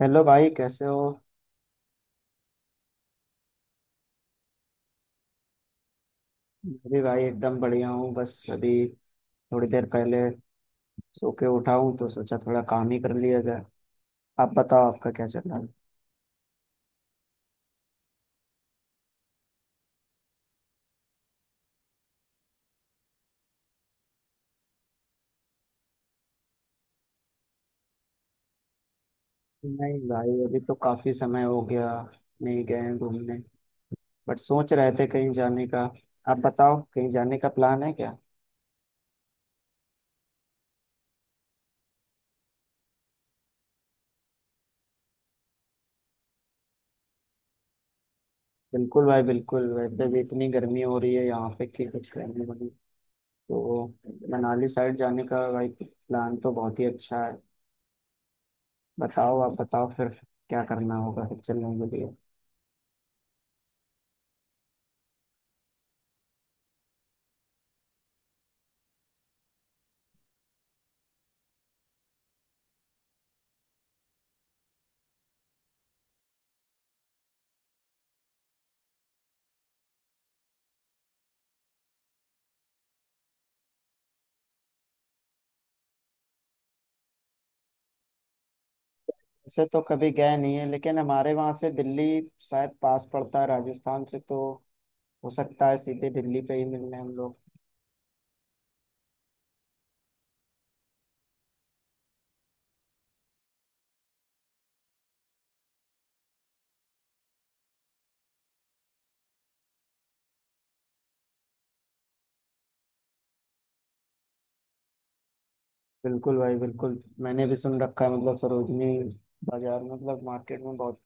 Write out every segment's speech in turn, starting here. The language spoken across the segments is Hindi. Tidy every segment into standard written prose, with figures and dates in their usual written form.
हेलो भाई कैसे हो। मैं भी भाई एकदम बढ़िया हूँ। बस अभी थोड़ी देर पहले सो के उठा हूँ, तो सोचा थोड़ा काम ही कर लिया जाए। आप बताओ, आपका क्या चल रहा है। नहीं भाई, अभी तो काफी समय हो गया नहीं गए हैं घूमने। बट सोच रहे थे कहीं जाने का। आप बताओ कहीं जाने का प्लान है क्या। बिल्कुल भाई बिल्कुल, वैसे भी इतनी गर्मी हो रही है यहाँ पे कि कुछ कहने बनी। तो मनाली साइड जाने का भाई प्लान तो बहुत ही अच्छा है। बताओ, आप बताओ फिर क्या करना होगा फिर चलने के लिए। वैसे तो कभी गए नहीं है, लेकिन हमारे वहां से दिल्ली शायद पास पड़ता है राजस्थान से, तो हो सकता है सीधे दिल्ली पे ही मिलने हम लोग। बिल्कुल भाई बिल्कुल, मैंने भी सुन रखा है, मतलब सरोजनी बाजार में, मतलब मार्केट में बहुत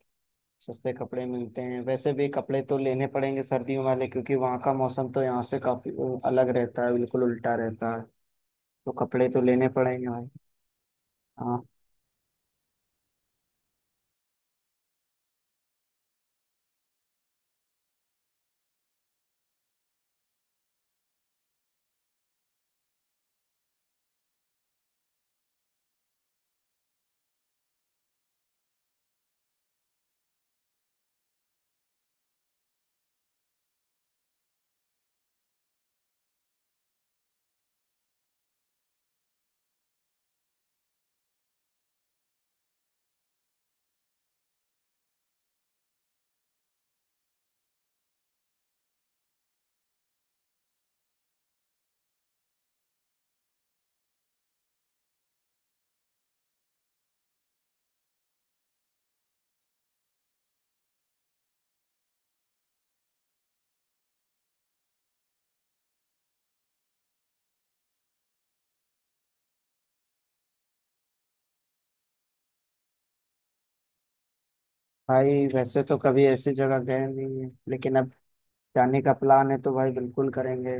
सस्ते कपड़े मिलते हैं। वैसे भी कपड़े तो लेने पड़ेंगे सर्दियों वाले, क्योंकि वहाँ का मौसम तो यहाँ से काफी अलग रहता है, बिल्कुल उल्टा रहता है। तो कपड़े तो लेने पड़ेंगे भाई। हाँ। भाई वैसे तो कभी ऐसी जगह गए नहीं है, लेकिन अब जाने का प्लान है तो भाई बिल्कुल करेंगे।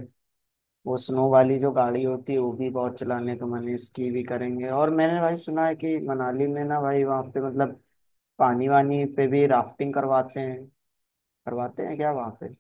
वो स्नो वाली जो गाड़ी होती है वो भी बहुत चलाने का मन है, स्की भी करेंगे। और मैंने भाई सुना है कि मनाली में ना भाई वहाँ पे मतलब पानी वानी पे भी राफ्टिंग करवाते हैं। करवाते हैं क्या वहाँ पे।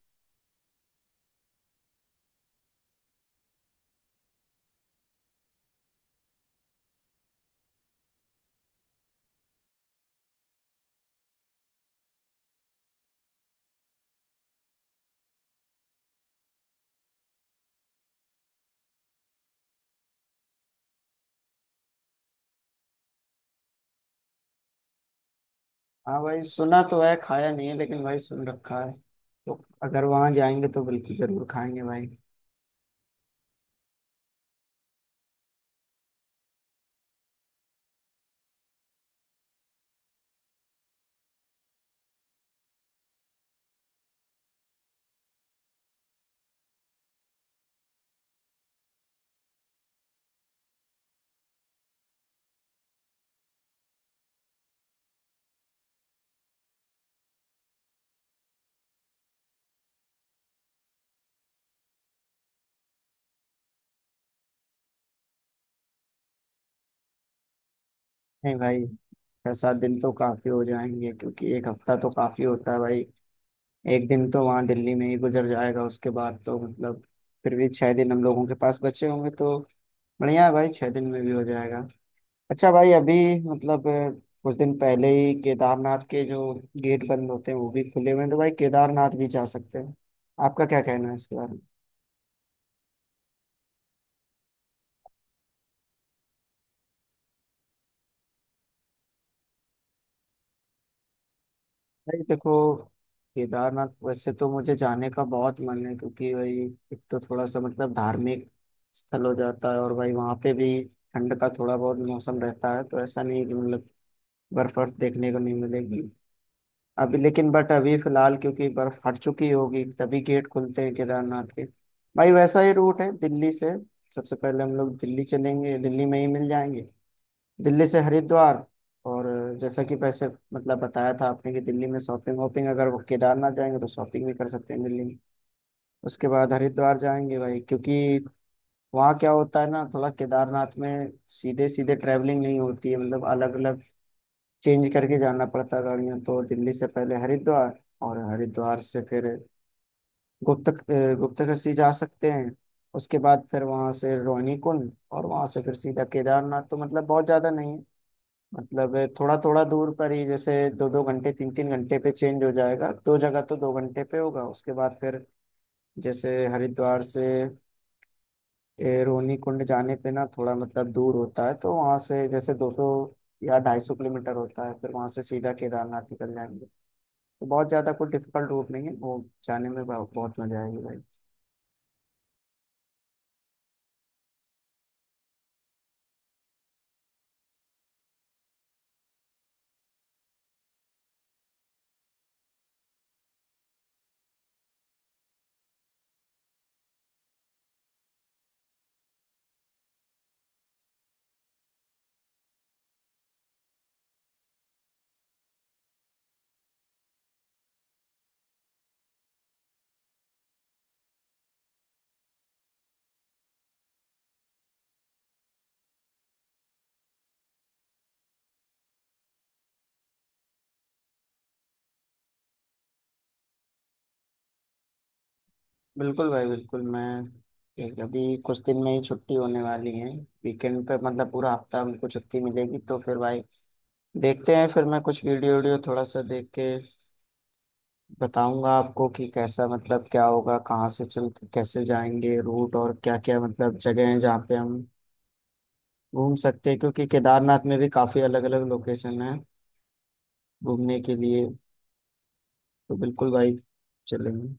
हाँ भाई, सुना तो है, खाया नहीं है, लेकिन भाई सुन रखा है। तो अगर वहाँ जाएंगे तो बिल्कुल जरूर खाएंगे भाई। नहीं भाई, 6 7 दिन तो काफी हो जाएंगे, क्योंकि एक हफ्ता तो काफी होता है भाई। एक दिन तो वहाँ दिल्ली में ही गुजर जाएगा, उसके बाद तो मतलब फिर भी 6 दिन हम लोगों के पास बचे होंगे, तो बढ़िया है भाई, 6 दिन में भी हो जाएगा। अच्छा भाई, अभी मतलब कुछ दिन पहले ही केदारनाथ के जो गेट बंद होते हैं वो भी खुले हुए हैं, तो भाई केदारनाथ भी जा सकते हैं। आपका क्या कहना है इसके बारे में। भाई देखो, केदारनाथ वैसे तो मुझे जाने का बहुत मन है, क्योंकि भाई एक तो थोड़ा सा मतलब धार्मिक स्थल हो जाता है, और भाई वहाँ पे भी ठंड का थोड़ा बहुत मौसम रहता है, तो ऐसा नहीं कि मतलब बर्फ वर्फ देखने को नहीं मिलेगी अभी। लेकिन बट अभी फिलहाल क्योंकि बर्फ हट चुकी होगी, तभी गेट खुलते हैं केदारनाथ के। भाई वैसा ही रूट है दिल्ली से। सबसे पहले हम लोग दिल्ली चलेंगे, दिल्ली में ही मिल जाएंगे। दिल्ली से हरिद्वार। और जैसा कि पैसे मतलब बताया था आपने कि दिल्ली में शॉपिंग वॉपिंग, अगर वो केदारनाथ जाएंगे तो शॉपिंग भी कर सकते हैं दिल्ली में। उसके बाद हरिद्वार जाएंगे भाई, क्योंकि वहाँ क्या होता है ना, थोड़ा केदारनाथ में सीधे सीधे ट्रैवलिंग नहीं होती है, मतलब अलग अलग चेंज करके जाना पड़ता गाड़ियाँ। तो दिल्ली से पहले हरिद्वार, और हरिद्वार से फिर गुप्तकाशी जा सकते हैं। उसके बाद फिर वहाँ से रोहिणी कुंड, और वहाँ से फिर सीधा केदारनाथ। तो मतलब बहुत ज़्यादा नहीं है, मतलब थोड़ा थोड़ा दूर पर ही, जैसे 2 2 घंटे 3 3 घंटे पे चेंज हो जाएगा। दो जगह तो 2 घंटे पे होगा, उसके बाद फिर जैसे हरिद्वार से रोहिणी कुंड जाने पे ना थोड़ा मतलब दूर होता है, तो वहाँ से जैसे 200 या 250 किलोमीटर होता है, फिर वहाँ से सीधा केदारनाथ निकल जाएंगे। तो बहुत ज़्यादा कोई डिफिकल्ट रूट नहीं है वो। जाने में बहुत मज़ा आएगी भाई। बिल्कुल भाई बिल्कुल। मैं अभी कुछ दिन में ही छुट्टी होने वाली है, वीकेंड पे, मतलब पूरा हफ्ता हमको छुट्टी मिलेगी, तो फिर भाई देखते हैं। फिर मैं कुछ वीडियो वीडियो थोड़ा सा देख के बताऊंगा आपको कि कैसा, मतलब क्या होगा, कहाँ से चल, कैसे जाएंगे रूट, और क्या क्या मतलब जगह है जहाँ पे हम घूम सकते हैं, क्योंकि केदारनाथ में भी काफ़ी अलग अलग लोकेशन है घूमने के लिए। तो बिल्कुल भाई चलेंगे।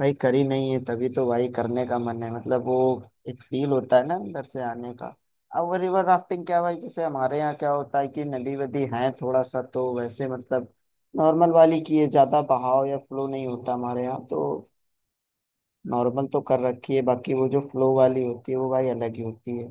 भाई करी नहीं है, तभी तो भाई करने का मन है, मतलब वो एक फील होता है ना अंदर से आने का। अब वो रिवर राफ्टिंग क्या भाई, जैसे हमारे यहाँ क्या होता है कि नदी वदी है थोड़ा सा, तो वैसे मतलब नॉर्मल वाली की है, ज्यादा बहाव या फ्लो नहीं होता हमारे यहाँ तो। नॉर्मल तो कर रखी है, बाकी वो जो फ्लो वाली होती है वो भाई अलग ही होती है।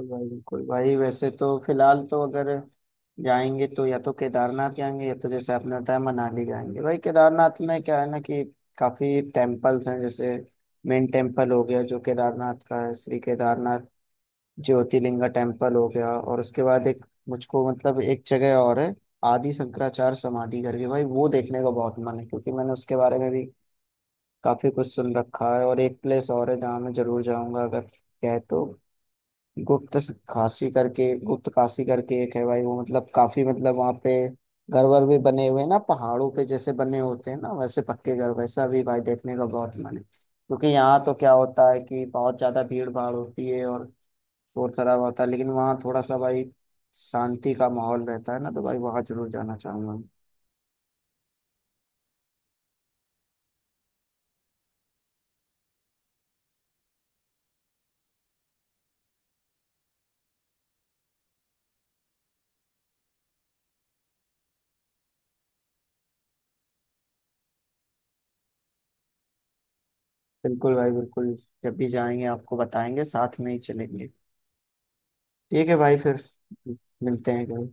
भाई बिल्कुल भाई, वैसे तो फिलहाल तो अगर जाएंगे तो या तो केदारनाथ जाएंगे, या तो जैसे आपने बताया मनाली जाएंगे। भाई केदारनाथ में क्या है ना कि काफी टेम्पल्स हैं, जैसे मेन टेम्पल हो गया जो केदारनाथ का है, श्री केदारनाथ ज्योतिर्लिंगा टेम्पल हो गया। और उसके बाद एक मुझको मतलब एक जगह और है, आदि शंकराचार्य समाधि करके, भाई वो देखने का बहुत मन है, क्योंकि मैंने उसके बारे में भी काफी कुछ सुन रखा है। और एक प्लेस और है जहाँ मैं जरूर जाऊंगा अगर है तो, गुप्त गुप्त काशी करके एक है भाई। वो मतलब काफी, मतलब वहाँ पे घर वर भी बने हुए हैं ना पहाड़ों पे, जैसे बने होते हैं ना वैसे पक्के घर, वैसा भी भाई देखने का बहुत मन है। क्योंकि यहाँ तो क्या होता है कि बहुत ज्यादा भीड़ भाड़ होती है और शोर शराबा होता है, लेकिन वहाँ थोड़ा सा भाई शांति का माहौल रहता है ना, तो भाई वहाँ जरूर जाना चाहूंगा। बिल्कुल भाई बिल्कुल, जब भी जाएंगे आपको बताएंगे, साथ में ही चलेंगे। ठीक है भाई फिर मिलते हैं कभी।